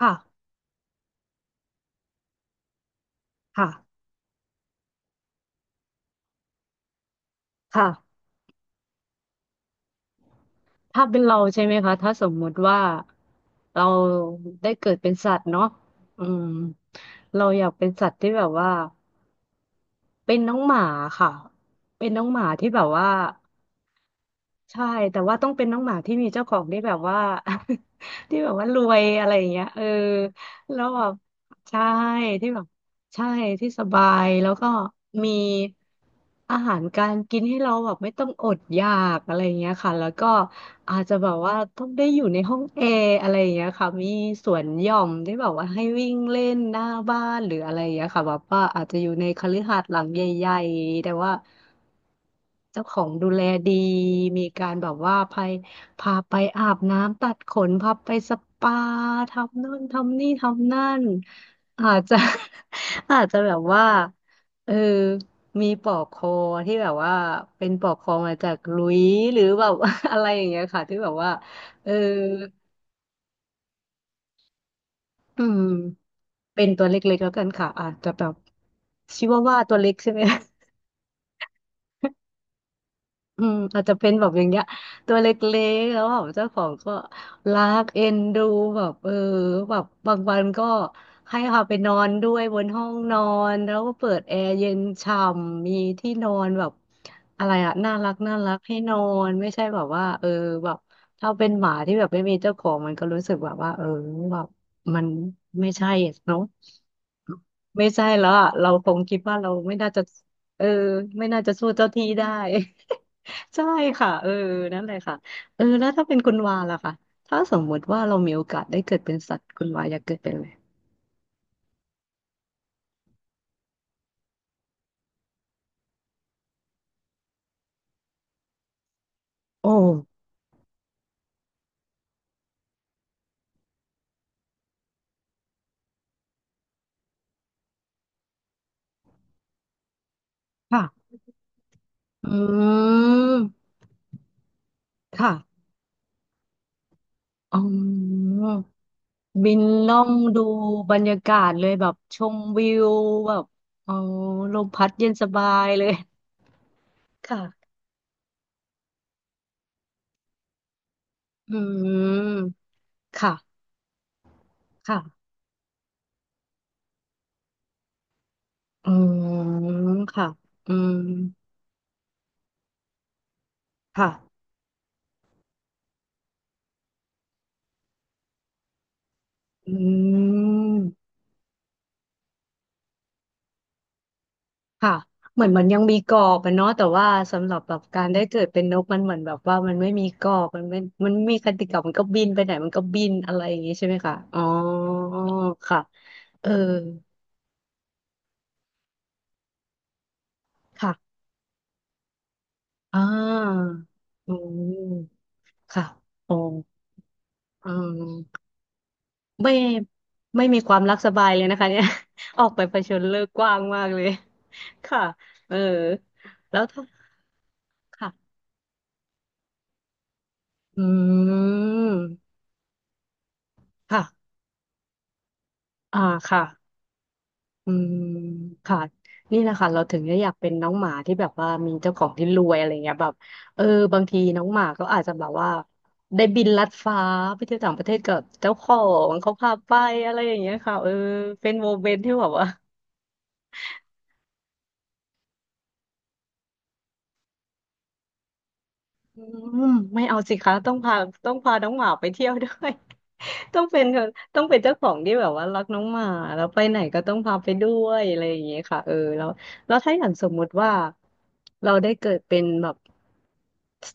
ค่ะค่ะค่ะถ้าเป็นเราใช่ไหมคะถ้าสมมุติว่าเราได้เกิดเป็นสัตว์เนาะอืมเราอยากเป็นสัตว์ที่แบบว่าเป็นน้องหมาค่ะเป็นน้องหมาที่แบบว่าใช่แต่ว่าต้องเป็นน้องหมาที่มีเจ้าของที่แบบว่า ที่แบบว่ารวยอะไรอย่างเงี้ยเออแล้วแบบใช่ที่แบบใช่ที่สบายแล้วก็มีอาหารการกินให้เราแบบไม่ต้องอดอยากอะไรอย่างเงี้ยค่ะแล้วก็ อาจจะแบบว่าต้องได้อยู่ในห้องแอร์อะไรอย่างเงี้ยค่ะมีสวนหย่อมได้แบบว่าให้วิ่งเล่นหน้าบ้านหรืออะไรอย่างเงี้ยค่ะแบบว่าอาจจะอยู่ในคฤหาสน์หลังใหญ่ๆแต่ว่าเจ้าของดูแลดี มีการแบบว่าพาไปอาบน้ำตัดขนพาไปสปาทำนู่นทำนี่ทำนั่นอาจจะ อาจจะแบบว่า เออมีปลอกคอที่แบบว่าเป็นปลอกคอมาจากหลุยหรือแบบ อะไรอย่างเงี้ยค่ะที่แบบว่าเอออืมเป็นตัวเล็กๆแล้วกันค่ะอาจจะแบบชิวาว่าตัวเล็กใช่ไหม อืมอาจจะเป็นแบบอย่างเงี้ยตัวเล็กๆแล้วแบบเจ้าของก็รักเอ็นดูแบบเออแบบบางวันก็ให้พาไปนอนด้วยบนห้องนอนแล้วก็เปิดแอร์เย็นฉ่ำมีที่นอนแบบอะไรอะน่ารักน่ารักให้นอนไม่ใช่แบบว่าเออแบบถ้าเป็นหมาที่แบบไม่มีเจ้าของมันก็รู้สึกแบบว่าเออแบบมันไม่ใช่อะเนาะไม่ใช่แล้วอะเราคงคิดว่าเราไม่น่าจะเออไม่น่าจะสู้เจ้าที่ได้ ใช่ค่ะเออนั่นแหละค่ะเออแล้วถ้าเป็นคุณวาล่ะค่ะถ้าสมมุติว่าเรามีโอกาสได้เกิดเป็นสัตว์คุณวาอยากเกิดเป็นอะไรโอ้ค่ะอืมค่ะอ๋อบินล่องดูบรรยากาศเลยแบบชมวิวแบบอ๋อลมพัดเย็นสบายเลยค่ะอืมค่ะค่ะอืมค่ะอืมค่ะอืม ค่ะเหมือนมันยังมีกรอบอะเนาะแต่ว่าสำหรับแบบการได้เกิดเป็นนกมันเหมือนแบบว่ามันไม่มีกรอบมันไม่มีกติกามันก็บินไปไหนมันก็บินอะไรอย่างงี้ใช่ไหมคะอ๋อค่ะเออค่ะอ่าอืมค่ะอ๋ออืมไม่ไม่มีความรักสบายเลยนะคะเนี่ย ออกไปเผชิญโลกกว้างมากเลยค่ะเออแล้วถ้าค่ะอืมค่ะอ่าค่ะ อืมค่ะนี่แหละค่ะเราถึงจะอยากเป็นน้องหมาที่แบบว่ามีเจ้าของที่รวยอะไรเงี้ยแบบเออบางทีน้องหมาก็อาจจะแบบว่าได้บินลัดฟ้าไปเที่ยวต่างประเทศกับเจ้าของเขาพาไปอะไรอย่างเงี้ยค่ะเออเป็นโมเมนต์ที่แบบว่าอืมไม่เอาสิคะต้องพาน้องหมาไปเที่ยวด้วย ต้องเป็นค่ะต้องเป็นเจ้าของที่แบบว่ารักน้องหมาแล้วไปไหนก็ต้องพาไปด้วยอะไรอย่างเงี้ยค่ะเออแล้วแล้วถ้าอย่างสมมุติว่าเราได้เกิดเป็นแบบ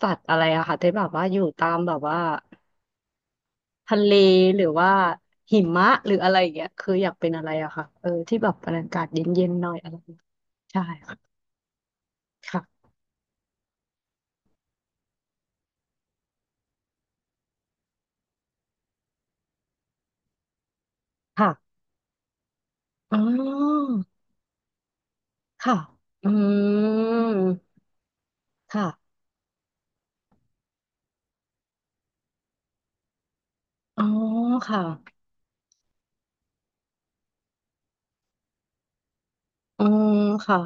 สัตว์อะไรอะค่ะที่แบบว่าอยู่ตามแบบว่าทะเลหรือว่าหิมะหรืออะไรอย่างเงี้ยคืออยากเป็นอะไรอะค่ะเออที่แบบบรรยากาศเย็นๆหน่อยอะไรอย่างเงี้ยใช่ค่ะค่ะค่ะอ๋อค่ะอืมค่ะอ๋อค่ะอืมค่ะ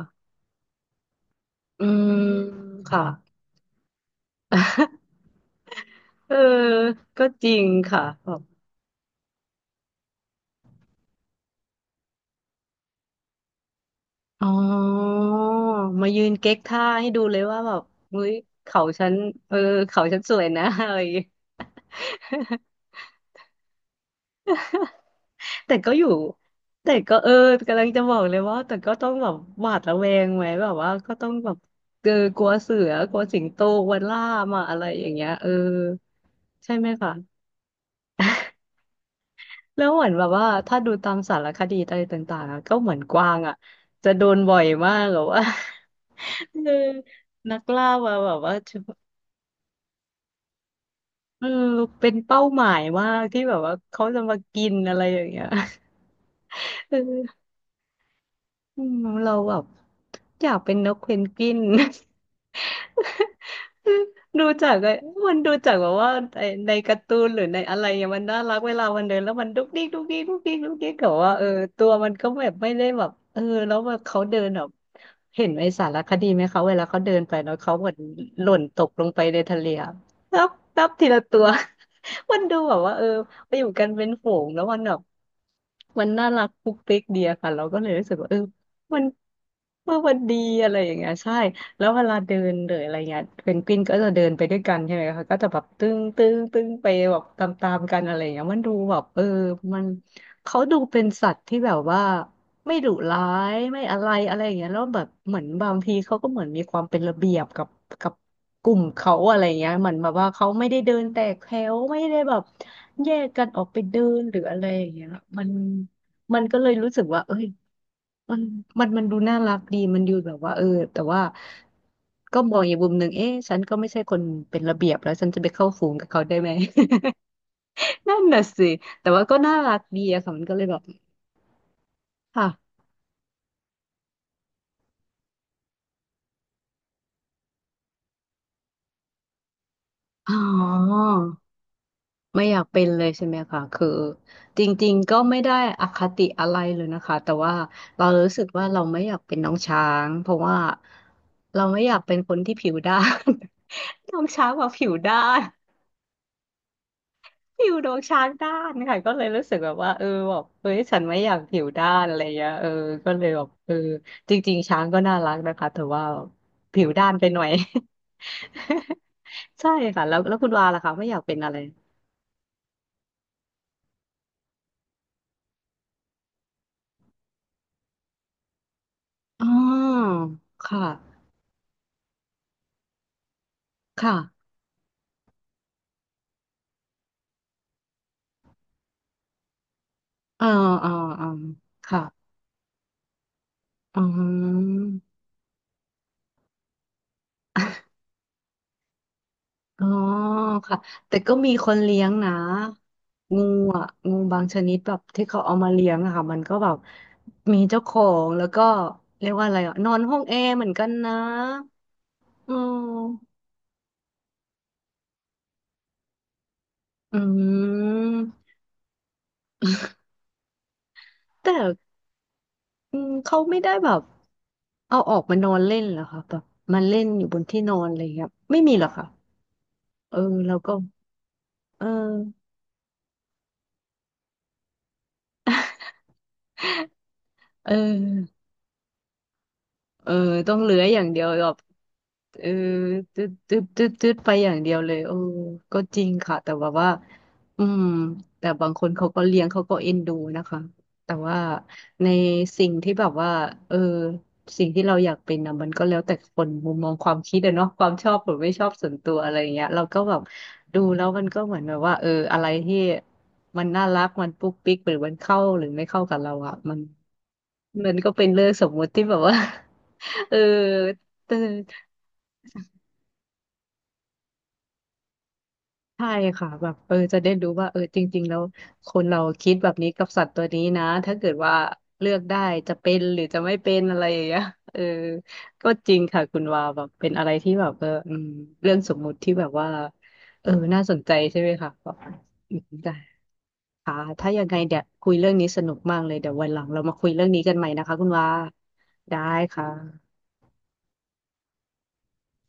อืมค่ะ เออก็จริงค่ะแบบอ๋อมายืนเก๊กท่าให้ดูเลยว่าแบบเฮ้ยเขาฉันเออเขาฉันสวยนะ อะไรอย่างงี้ แต่ก็อยู่แต่ก็เออกำลังจะบอกเลยว่าแต่ก็ต้องแบบหวาดระแวงไหมแบบว่าก็ต้องแบบเออกลัวเสือ กลัวสิงโตกลัวล่ามาอะไรอย่างเงี้ยเออใช่ไหมคะแล้วเหมือนแบบว่าถ้าดูตามสารคดีอะไรต่างๆอะก็เหมือนกวางอ่ะจะโดนบ่อยมากแบบว่า คือนักล่ามาแบบว่าเออเป็นเป้าหมายมากที่แบบว่าเขาจะมากินอะไรอย่างเงี้ย เอออืมเราแบบอยากเป็นนกเพนกวิน ดูจากไอ้มันดูจากแบบว่าไอ้ในการ์ตูนหรือในอะไรอย่างมันน่ารักเวลามันเดินแล้วมันดุ๊กดิ๊กดุ๊กดิ๊กดุ๊กดิ๊กดุ๊กดิ๊กแบบว่าเออตัวมันก็แบบไม่ได้แบบเออแล้วแบบเขาเดินแบบเห็นไอ้สารคดีไหมเขาเวลาเขาเดินไปเนาะเขาเหมือนหล่นตกลงไปในทะเลอะนับนับทีละตัว มันดูแบบว่าเออไปอยู่กันเป็นฝูงแล้วมันแบบ มันน่ารักปุกปิ๊กเดียค่ะเราก็เลยรู้สึกว่ามันเมื่อวันดีอะไรอย่างเงี้ยใช่แล้วเวลาเดินหรืออะไรเงี้ยเพนกวินก็จะเดินไปด้วยกันใช่ไหมคะก็จะแบบตึ้งตึ้งตึ้งไปแบบตามกันอะไรอย่างเงี้ยมันดูแบบมันเขาดูเป็นสัตว์ที่แบบว่าไม่ดุร้ายไม่อะไรอะไรอย่างเงี้ยแล้วแบบเหมือนบางทีเขาก็เหมือนมีความเป็นระเบียบกับ กลุ่มเขาอะไรเงี้ยเหมือนแบบว่าเขาไม่ได้เดินแตกแถวไม่ได้แบบแยกกันออกไปเดินหรืออะไรอย่างเงี้ยมันมันก็เลยรู้สึกว่าเอ้ยมันมันดูน่ารักดีมันดูแบบว่าแต่ว่าก็มองอีกมุมหนึ่งเอ๊ะฉันก็ไม่ใช่คนเป็นระเบียบแล้วฉันจะไปเข้าฝูงกับเขาได้ไหม นั่นน่ะสิแต่ว่าก็น่ารักดีอะค่ะมันก็เลยแบบค่ะอ๋อ ไม่อยากเป็นเลยใช่ไหมคะคือจริงๆก็ไม่ได้อคติอะไรเลยนะคะแต่ว่าเรารู้สึกว่าเราไม่อยากเป็นน้องช้างเพราะว่าเราไม่อยากเป็นคนที่ผิวด้าน น้องช้างกว่าผิวด้านผิวน้องช้างด้านค่ะก็เลยรู้สึกแบบว่าแบบเฮ้ยฉันไม่อยากผิวด้านอะไรเงี้ยเออก็เลยแบบเออจริงๆช้างก็น่ารักนะคะแต่ว่าผิวด้านไปหน่อย ใช่ค่ะแล้วคุณวาล่ะคะไม่อยากเป็นอะไรอ๋อค่ะค่ะ อ่าอ่าอ่าค่ะอืม อ๋อค่ะแต่ก็มีคนเลี้ยงนะงูอ่ะงูบางชนิดแบบที่เขาเอามาเลี้ยงอะค่ะมันก็แบบมีเจ้าของแล้วก็เรียกว่าอะไรอ่ะนอนห้องแอร์เหมือนกันนะอืมอืมแต่อืมเขาไม่ได้แบบเอาออกมานอนเล่นเหรอคะแบบมันเล่นอยู่บนที่นอนอะไรอย่างเงี้ยไม่มีเหรอคะเออแล้วก็เออ เออ เออต้องเลื้อยอย่างเดียวแบบเออตึ๊ดตึ๊ดตึ๊ดตึ๊ดไปอย่างเดียวเลยเออก็จริงค่ะแต่แบบว่าอืมแต่บางคนเขาก็เลี้ยงเขาก็เอ็นดูนะคะแต่ว่าในสิ่งที่แบบว่าเออสิ่งที่เราอยากเป็นนะมันก็แล้วแต่คนมุมมองความคิดอะเนาะความชอบหรือไม่ชอบส่วนตัวอะไรอย่างเงี้ยเราก็แบบดูแล้วมันก็เหมือนแบบว่าเอออะไรที่มันน่ารักมันปุ๊กปิ๊กหรือมันเข้าหรือไม่เข้ากับเราอะมันก็เป็นเรื่องสมมุติที่แบบว่า เออแต่ใช่ค่ะแบบเออจะได้รู้ว่าเออจริงๆแล้วคนเราคิดแบบนี้กับสัตว์ตัวนี้นะถ้าเกิดว่าเลือกได้จะเป็นหรือจะไม่เป็นอะไรอย่างเงี้ยเออก็จริงค่ะคุณวาแบบเป็นอะไรที่แบบเอออืมเรื่องสมมุติที่แบบว่าเออน่าสนใจใช่ไหมคะแบบอืมได้ค่ะถ้ายังไงเดี๋ยวคุยเรื่องนี้สนุกมากเลยเดี๋ยววันหลังเรามาคุยเรื่องนี้กันใหม่นะคะคุณวาได้ค่ะ